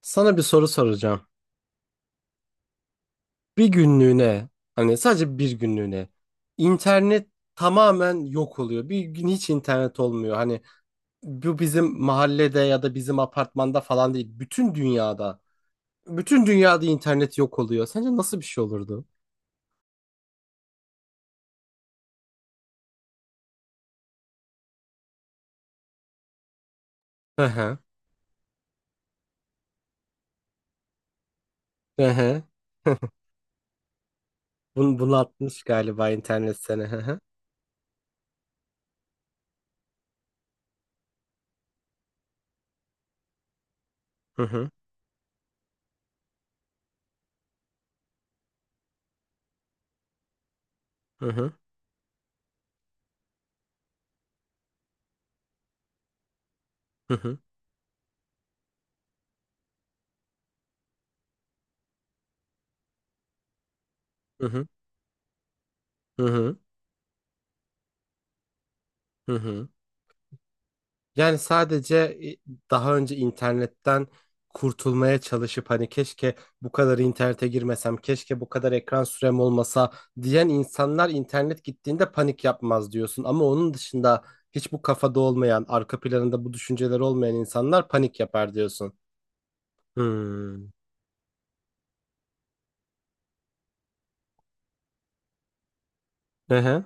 Sana bir soru soracağım. Bir günlüğüne, hani sadece bir günlüğüne internet tamamen yok oluyor. Bir gün hiç internet olmuyor. Hani bu bizim mahallede ya da bizim apartmanda falan değil. Bütün dünyada. Bütün dünyada internet yok oluyor. Sence nasıl bir şey olurdu? Hı hı. Hı hı. Bunu atmış galiba internet seni. Hı hı. Hı hı. Hı hı. Hı hı. Hı hı. Hı hı. Hı hı. Yani sadece daha önce internetten kurtulmaya çalışıp hani keşke bu kadar internete girmesem, keşke bu kadar ekran sürem olmasa diyen insanlar internet gittiğinde panik yapmaz diyorsun. Ama onun dışında hiç bu kafada olmayan, arka planında bu düşünceler olmayan insanlar panik yapar diyorsun. Hmm. Ehe.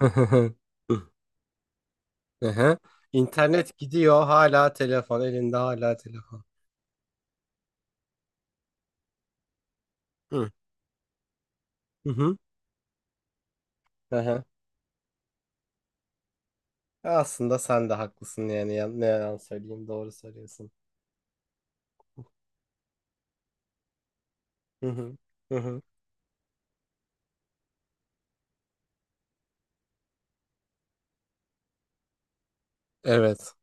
Ehe. İnternet gidiyor, hala telefon elinde, hala telefon. Hı. Hı hı. Ehe. Aslında sen de haklısın, yani ne yalan söyleyeyim, doğru söylüyorsun. Hı hı. Hı hı. Evet.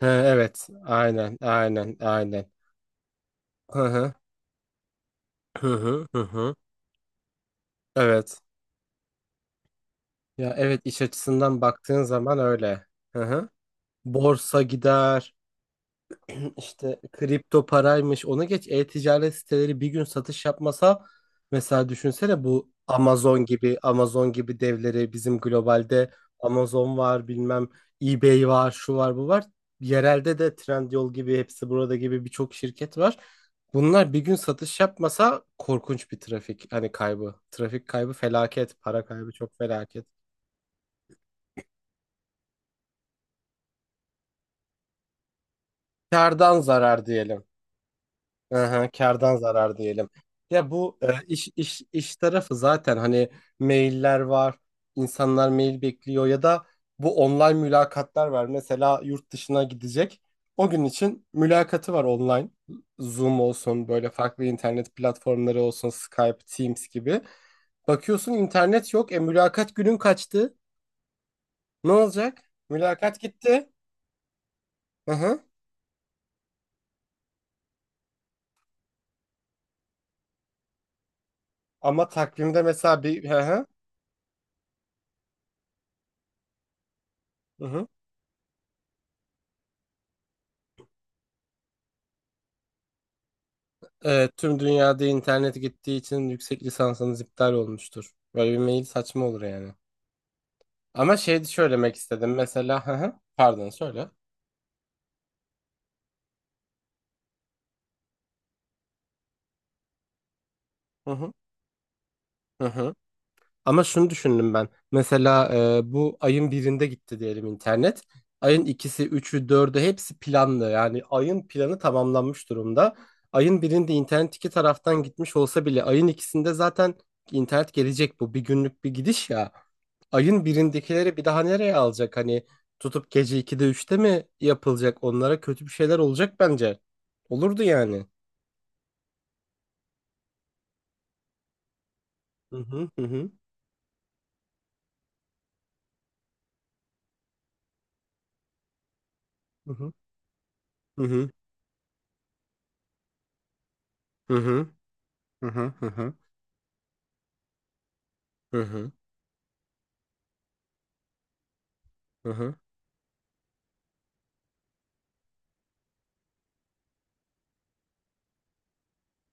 He, evet. Aynen. Aynen. Aynen. Hı hı. Hı hı. Hı hı. Evet. Ya evet, iş açısından baktığın zaman öyle. Hı hı. Borsa gider. İşte kripto paraymış, ona geç, e-ticaret siteleri bir gün satış yapmasa mesela, düşünsene bu Amazon gibi devleri. Bizim globalde Amazon var, bilmem eBay var, şu var, bu var, yerelde de Trendyol gibi, hepsi burada gibi, birçok şirket var. Bunlar bir gün satış yapmasa korkunç bir trafik, hani kaybı. Trafik kaybı felaket, para kaybı çok felaket. Kardan zarar diyelim. Aha, kardan zarar diyelim. Ya bu iş tarafı zaten, hani mailler var. İnsanlar mail bekliyor ya da bu online mülakatlar var. Mesela yurt dışına gidecek. O gün için mülakatı var, online. Zoom olsun, böyle farklı internet platformları olsun, Skype, Teams gibi. Bakıyorsun, internet yok. E, mülakat günün kaçtı. Ne olacak? Mülakat gitti. Hı hı. Ama takvimde mesela bir, hı hı. Hı hı. Evet, tüm dünyada internet gittiği için yüksek lisansınız iptal olmuştur. Böyle bir mail saçma olur yani. Ama şey söylemek istedim mesela. Hı hı, pardon, söyle. Hı hı. Hı hı. Ama şunu düşündüm ben. Mesela bu ayın birinde gitti diyelim internet. Ayın ikisi, üçü, dördü hepsi planlı. Yani ayın planı tamamlanmış durumda. Ayın birinde internet iki taraftan gitmiş olsa bile ayın ikisinde zaten internet gelecek bu. Bir günlük bir gidiş ya. Ayın birindekileri bir daha nereye alacak? Hani tutup gece 2'de 3'te mi yapılacak? Onlara kötü bir şeyler olacak bence. Olurdu yani. Hı hı hı, hı hı, hı hı, hı hı, hı hı, hı hı, hı hı.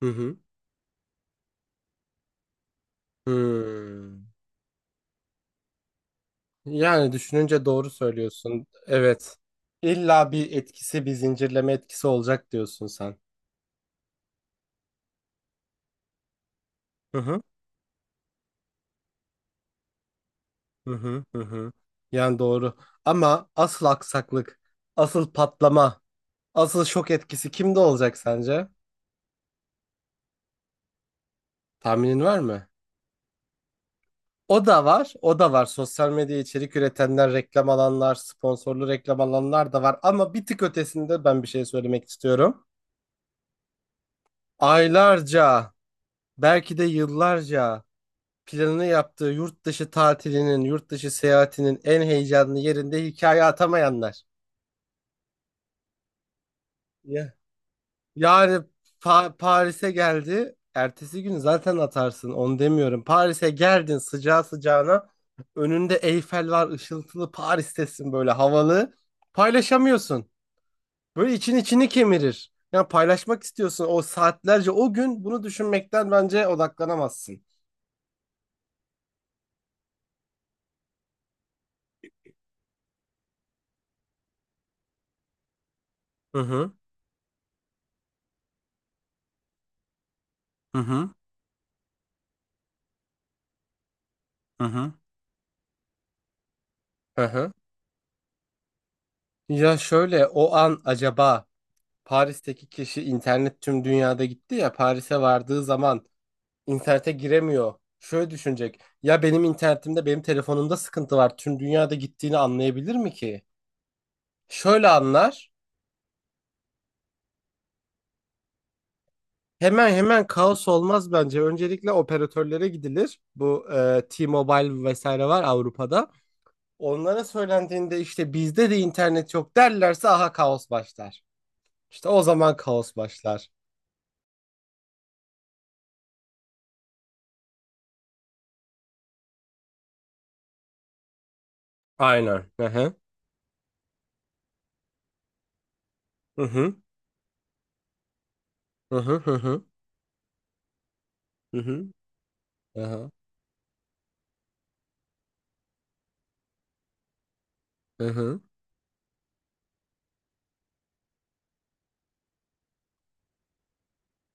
Hı hı. Hmm. Yani düşününce doğru söylüyorsun. Evet. İlla bir etkisi, bir zincirleme etkisi olacak diyorsun sen. Hı hı. Hı hı. Hı hı. Yani doğru. Ama asıl aksaklık, asıl patlama, asıl şok etkisi kimde olacak sence? Tahminin var mı? O da var, o da var. Sosyal medya içerik üretenler, reklam alanlar, sponsorlu reklam alanlar da var. Ama bir tık ötesinde ben bir şey söylemek istiyorum. Aylarca, belki de yıllarca planını yaptığı yurt dışı tatilinin, yurt dışı seyahatinin en heyecanlı yerinde hikaye atamayanlar. Ya. Yani Paris'e geldi. Ertesi gün zaten atarsın, onu demiyorum. Paris'e geldin sıcağı sıcağına. Önünde Eyfel var, ışıltılı, Paris'tesin, böyle havalı. Paylaşamıyorsun. Böyle için içini kemirir. Ya paylaşmak istiyorsun, o saatlerce o gün bunu düşünmekten bence odaklanamazsın. Hı hı. Hı hı. Hı hı. Hı hı. Ya şöyle, o an acaba Paris'teki kişi, internet tüm dünyada gitti ya, Paris'e vardığı zaman internete giremiyor. Şöyle düşünecek. Ya benim internetimde, benim telefonumda sıkıntı var. Tüm dünyada gittiğini anlayabilir mi ki? Şöyle anlar. Hemen hemen kaos olmaz bence. Öncelikle operatörlere gidilir. Bu T-Mobile vesaire var Avrupa'da. Onlara söylendiğinde işte bizde de internet yok derlerse, aha, kaos başlar. İşte o zaman kaos başlar. Aynen. Hı hı. Hı hı. Hı hı. Hı hı. Hı hı. Aha. Hı hı.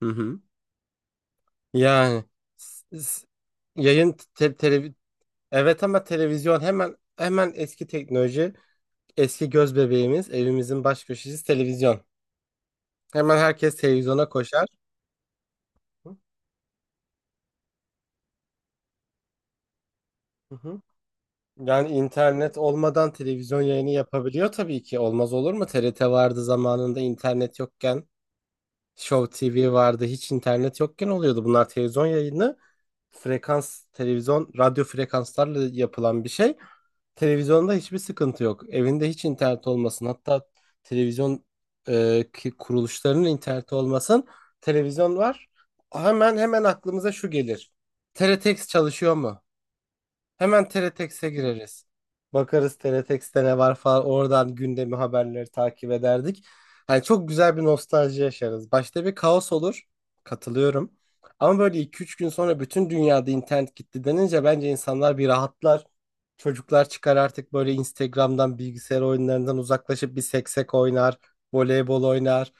Hı hı. Yani s- s- yayın evet, ama televizyon hemen hemen eski teknoloji, eski göz bebeğimiz, evimizin baş köşesi televizyon. Hemen herkes televizyona koşar. Hı hı. Yani internet olmadan televizyon yayını yapabiliyor tabii ki. Olmaz olur mu? TRT vardı zamanında, internet yokken. Show TV vardı. Hiç internet yokken oluyordu. Bunlar televizyon yayını. Frekans, televizyon, radyo frekanslarla yapılan bir şey. Televizyonda hiçbir sıkıntı yok. Evinde hiç internet olmasın. Hatta televizyon kuruluşlarının interneti olmasın. Televizyon var. Hemen hemen aklımıza şu gelir: teletext çalışıyor mu? Hemen TRTX'e gireriz. Bakarız TRTX'te ne var falan. Oradan gündemi, haberleri takip ederdik. Hani çok güzel bir nostalji yaşarız. Başta bir kaos olur. Katılıyorum. Ama böyle 2-3 gün sonra bütün dünyada internet gitti denince bence insanlar bir rahatlar. Çocuklar çıkar artık, böyle Instagram'dan, bilgisayar oyunlarından uzaklaşıp bir seksek oynar, voleybol oynar.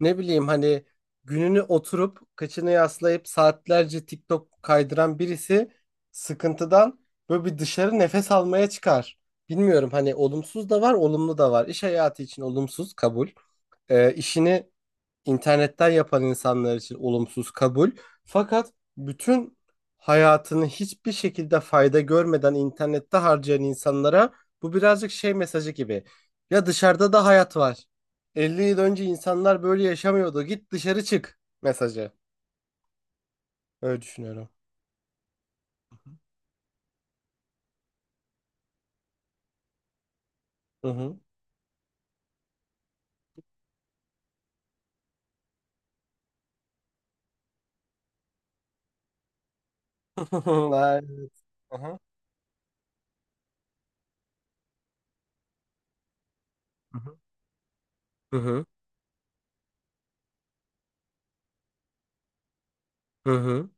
Ne bileyim, hani gününü oturup kıçını yaslayıp saatlerce TikTok kaydıran birisi sıkıntıdan böyle bir dışarı nefes almaya çıkar. Bilmiyorum, hani olumsuz da var, olumlu da var. İş hayatı için olumsuz, kabul. İşini internetten yapan insanlar için olumsuz, kabul. Fakat bütün hayatını hiçbir şekilde fayda görmeden internette harcayan insanlara bu birazcık şey mesajı gibi. Ya dışarıda da hayat var. 50 yıl önce insanlar böyle yaşamıyordu. Git dışarı çık mesajı. Öyle düşünüyorum. Hı hı. Aynen. Hı hı. Hı hı. Hı hı. Hı hı.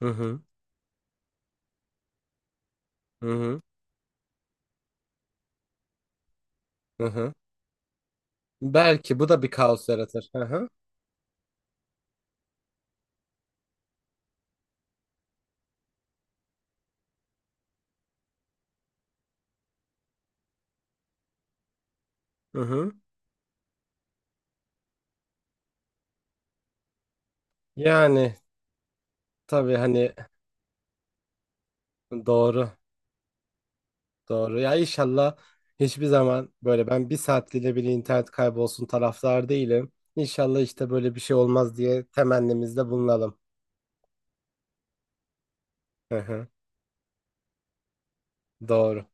Hı hı. Hı hı. Hı hı. Belki bu da bir kaos yaratır. Hı hı. Hı hı. Yani tabii, hani doğru, doğru ya, inşallah hiçbir zaman böyle, ben 1 saatliğine bile internet kaybolsun taraftar değilim. İnşallah işte böyle bir şey olmaz diye temennimizde bulunalım. Hı hı, doğru.